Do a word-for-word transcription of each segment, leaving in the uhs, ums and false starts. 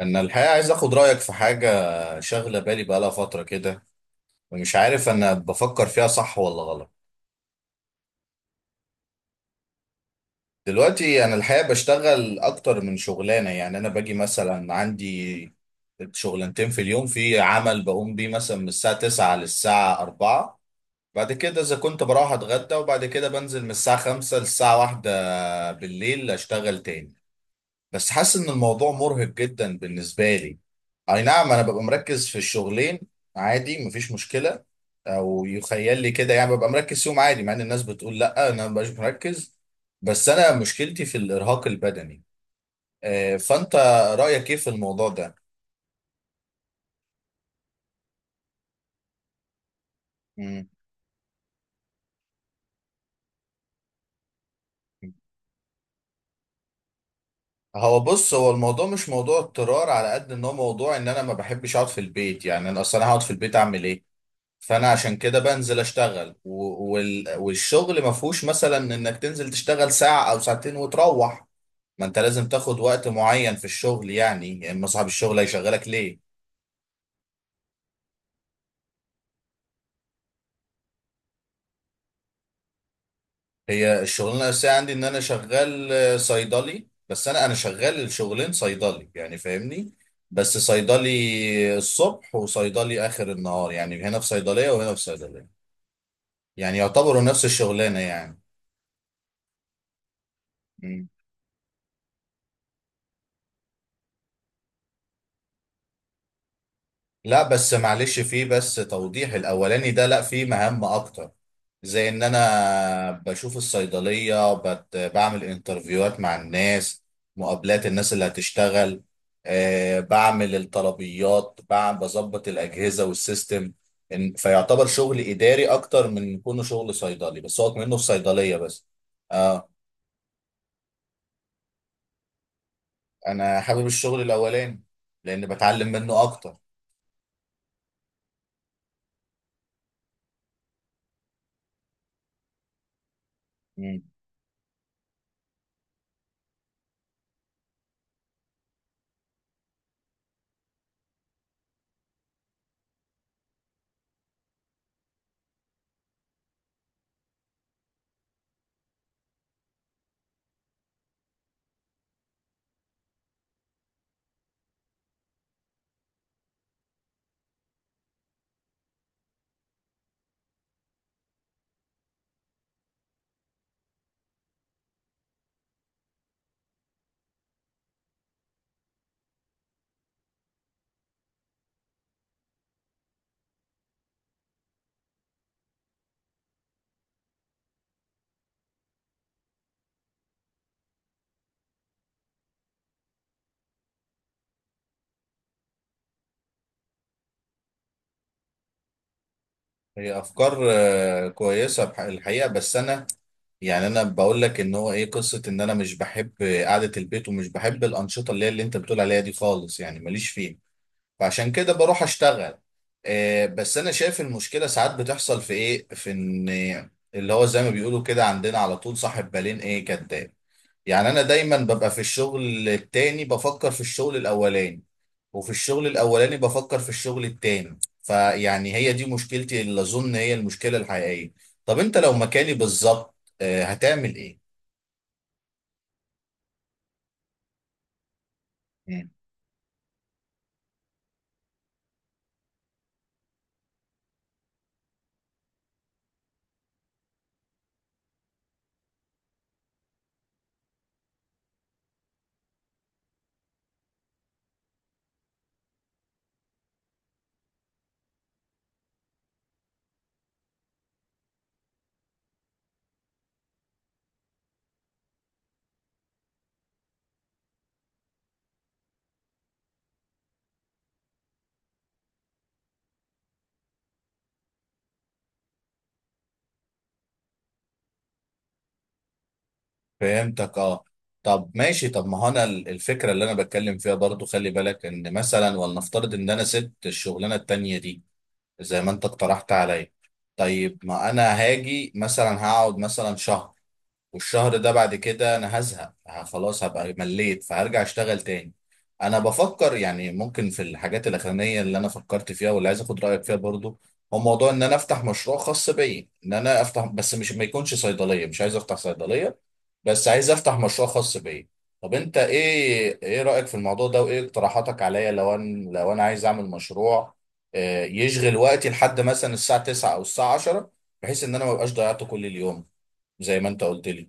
انا الحقيقه عايز اخد رايك في حاجه شاغله بالي بقالها فتره كده، ومش عارف انا بفكر فيها صح ولا غلط. دلوقتي انا الحقيقه بشتغل اكتر من شغلانه، يعني انا باجي مثلا عندي شغلانتين في اليوم. في عمل بقوم بيه مثلا من الساعه تسعة للساعه أربعة، بعد كده اذا كنت بروح اتغدى، وبعد كده بنزل من الساعه خمسة للساعه واحدة بالليل اشتغل تاني. بس حاسس ان الموضوع مرهق جدا بالنسبه لي. اي نعم، انا ببقى مركز في الشغلين عادي، مفيش مشكله، او يخيل لي كده يعني، ببقى مركز فيهم عادي، مع ان الناس بتقول لا، انا مبقاش مركز. بس انا مشكلتي في الارهاق البدني. آه، فانت رايك ايه في الموضوع ده؟ مم. هو بص، هو الموضوع مش موضوع اضطرار، على قد ان هو موضوع ان انا ما بحبش اقعد في البيت. يعني انا اصلا هقعد في البيت اعمل ايه؟ فانا عشان كده بنزل اشتغل و- وال- والشغل ما فيهوش مثلا انك تنزل تشتغل ساعة او ساعتين وتروح. ما انت لازم تاخد وقت معين في الشغل، يعني يا اما صاحب الشغل هيشغلك ليه. هي الشغلانة الأساسية عندي ان انا شغال آه، صيدلي، بس انا انا شغال الشغلين صيدلي يعني، فاهمني. بس صيدلي الصبح وصيدلي اخر النهار، يعني هنا في صيدلية وهنا في صيدلية. يعني يعتبروا نفس الشغلانة يعني. لا بس معلش، في بس توضيح، الاولاني ده لا، في مهام اكتر. زي ان انا بشوف الصيدليه، بت بعمل انترفيوهات مع الناس، مقابلات الناس اللي هتشتغل، آه بعمل الطلبيات، بعمل، بظبط الاجهزه والسيستم. إن- فيعتبر شغل اداري اكتر من كونه شغل صيدلي، بس هو منه في صيدليه بس. اه، انا حابب الشغل الاولاني لان بتعلم منه اكتر. مم. هي افكار آه، كويسه بح- الحقيقه، بس انا يعني، انا بقول لك ان هو ايه، قصه ان انا مش بحب قعده البيت، ومش بحب الانشطه اللي هي اللي انت بتقول عليها دي خالص، يعني ماليش فيها، فعشان كده بروح اشتغل. آه بس انا شايف المشكله ساعات بتحصل في ايه، في ان اللي هو زي ما بيقولوا كده عندنا على طول، صاحب بالين ايه؟ كداب. يعني انا دايما ببقى في الشغل التاني بفكر في الشغل الاولاني، وفي الشغل الاولاني بفكر في الشغل التاني، فيعني هي دي مشكلتي اللي اظن هي المشكله الحقيقيه. طب انت لو مكاني بالظبط، آه، هتعمل ايه؟ تمام. فهمتك اه. طب ماشي، طب ما هو انا ال- الفكره اللي انا بتكلم فيها برضو، خلي بالك ان مثلا ولنفترض ان انا سبت الشغلانه التانيه دي زي ما انت اقترحت عليا. طيب ما انا هاجي مثلا هقعد مثلا شهر، والشهر ده بعد كده انا هزهق، ه- خلاص هبقى مليت، فهرجع اشتغل تاني. انا بفكر يعني ممكن في الحاجات الاخرانيه اللي انا فكرت فيها واللي عايز اخد رايك فيها برضو، هو موضوع ان انا افتح مشروع خاص بيا، ان انا افتح بس، مش ما يكونش صيدليه، مش عايز افتح صيدليه، بس عايز افتح مشروع خاص بيا. طب انت ايه ايه رايك في الموضوع ده؟ وايه اقتراحاتك عليا لو انا لو انا عايز اعمل مشروع آه، يشغل وقتي لحد مثلا الساعه تسعة او الساعه عشرة، بحيث ان انا ما بقاش ضيعته كل اليوم زي ما انت قلت لي.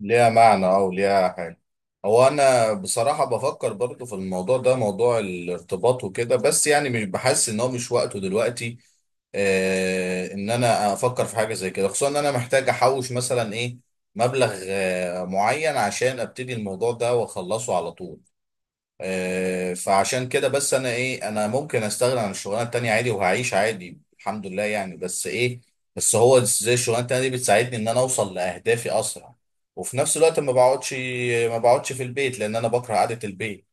ليها معنى او ليها حاجه. هو انا بصراحه بفكر برضو في الموضوع ده، موضوع الارتباط وكده، بس يعني مش بحس ان هو، مش وقته دلوقتي آه ان انا افكر في حاجه زي كده، خصوصا ان انا محتاج احوش مثلا ايه، مبلغ آه معين عشان ابتدي الموضوع ده واخلصه على طول. آه، فعشان كده بس انا ايه، انا ممكن استغنى عن الشغلانه التانيه عادي، وهعيش عادي الحمد لله يعني، بس ايه، بس هو زي الشغلانه التانيه دي بتساعدني ان انا اوصل لاهدافي اسرع، وفي نفس الوقت ما بقعدش ما بقعدش في البيت لان انا بكره قعده البيت.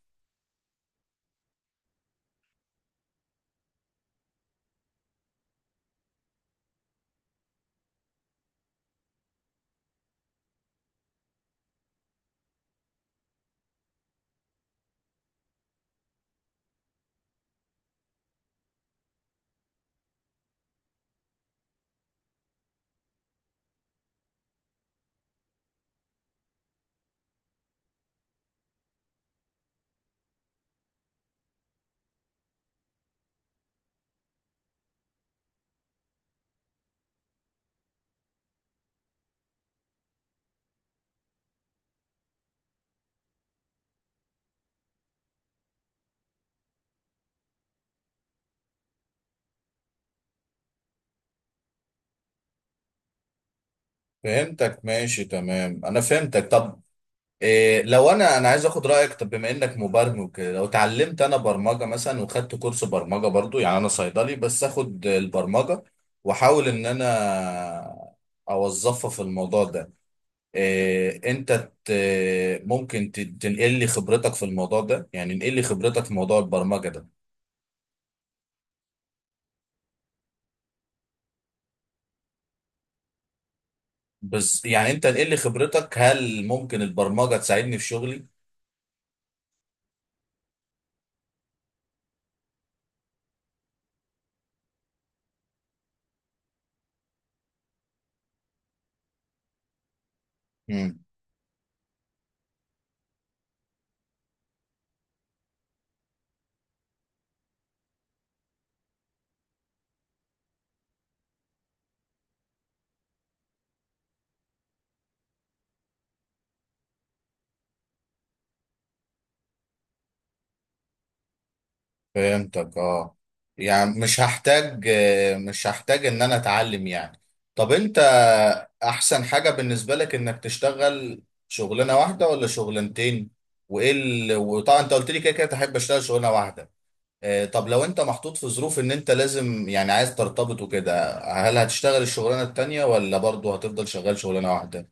فهمتك، ماشي تمام، انا فهمتك. طب إيه لو انا انا عايز اخد رايك، طب بما انك مبرمج وكده، لو اتعلمت انا برمجه مثلا وخدت كورس برمجه برضو، يعني انا صيدلي بس اخد البرمجه واحاول ان انا اوظفها في الموضوع ده. إيه انت ت- ممكن ت- تنقل لي خبرتك في الموضوع ده؟ يعني انقل لي خبرتك في موضوع البرمجه ده، بس يعني انت انقل لي خبرتك، هل ممكن البرمجه تساعدني في شغلي؟ فهمتك اه. يعني مش هحتاج آه، مش هحتاج ان انا اتعلم يعني. طب انت، احسن حاجة بالنسبة لك انك تشتغل شغلانة واحدة ولا شغلانتين؟ وايه ال... وطبعا انت قلت لي كده كده تحب اشتغل شغلانة واحدة. آه، طب لو انت محطوط في ظروف ان انت لازم يعني عايز ترتبط وكده، هل هتشتغل الشغلانة التانية ولا برضه هتفضل شغال شغلانة واحدة؟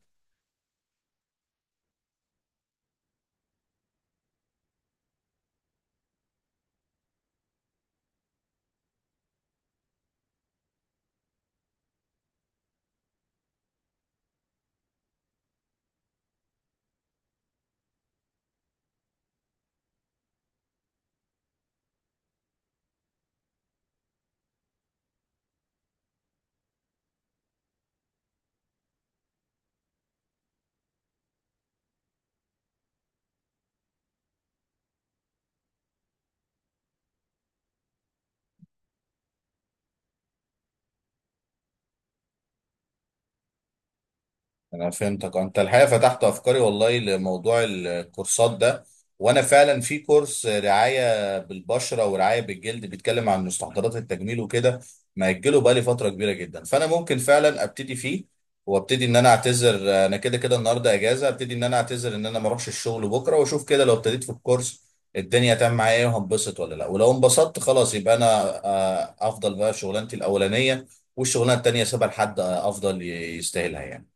انا فهمتك، انت الحقيقه فتحت افكاري والله لموضوع الكورسات ده. وانا فعلا في كورس رعايه بالبشره ورعايه بالجلد بيتكلم عن مستحضرات التجميل وكده، مأجله بقالي فتره كبيره جدا، فانا ممكن فعلا ابتدي فيه. وابتدي ان انا اعتذر، انا كده كده النهارده اجازه، ابتدي ان انا اعتذر ان انا ما اروحش الشغل بكره، واشوف كده لو ابتديت في الكورس الدنيا تمام معايا ايه، وهنبسط ولا لا، ولو انبسطت خلاص يبقى انا آه، افضل بقى في شغلانتي الاولانيه، والشغلانه التانيه سيبها لحد آه، افضل يستاهلها يعني.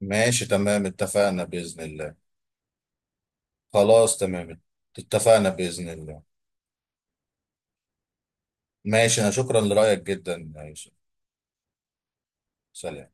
ماشي تمام، اتفقنا بإذن الله. خلاص تمام. اتفقنا بإذن الله. ماشي، أنا شكرا لرأيك جدا يا يوسف. سلام.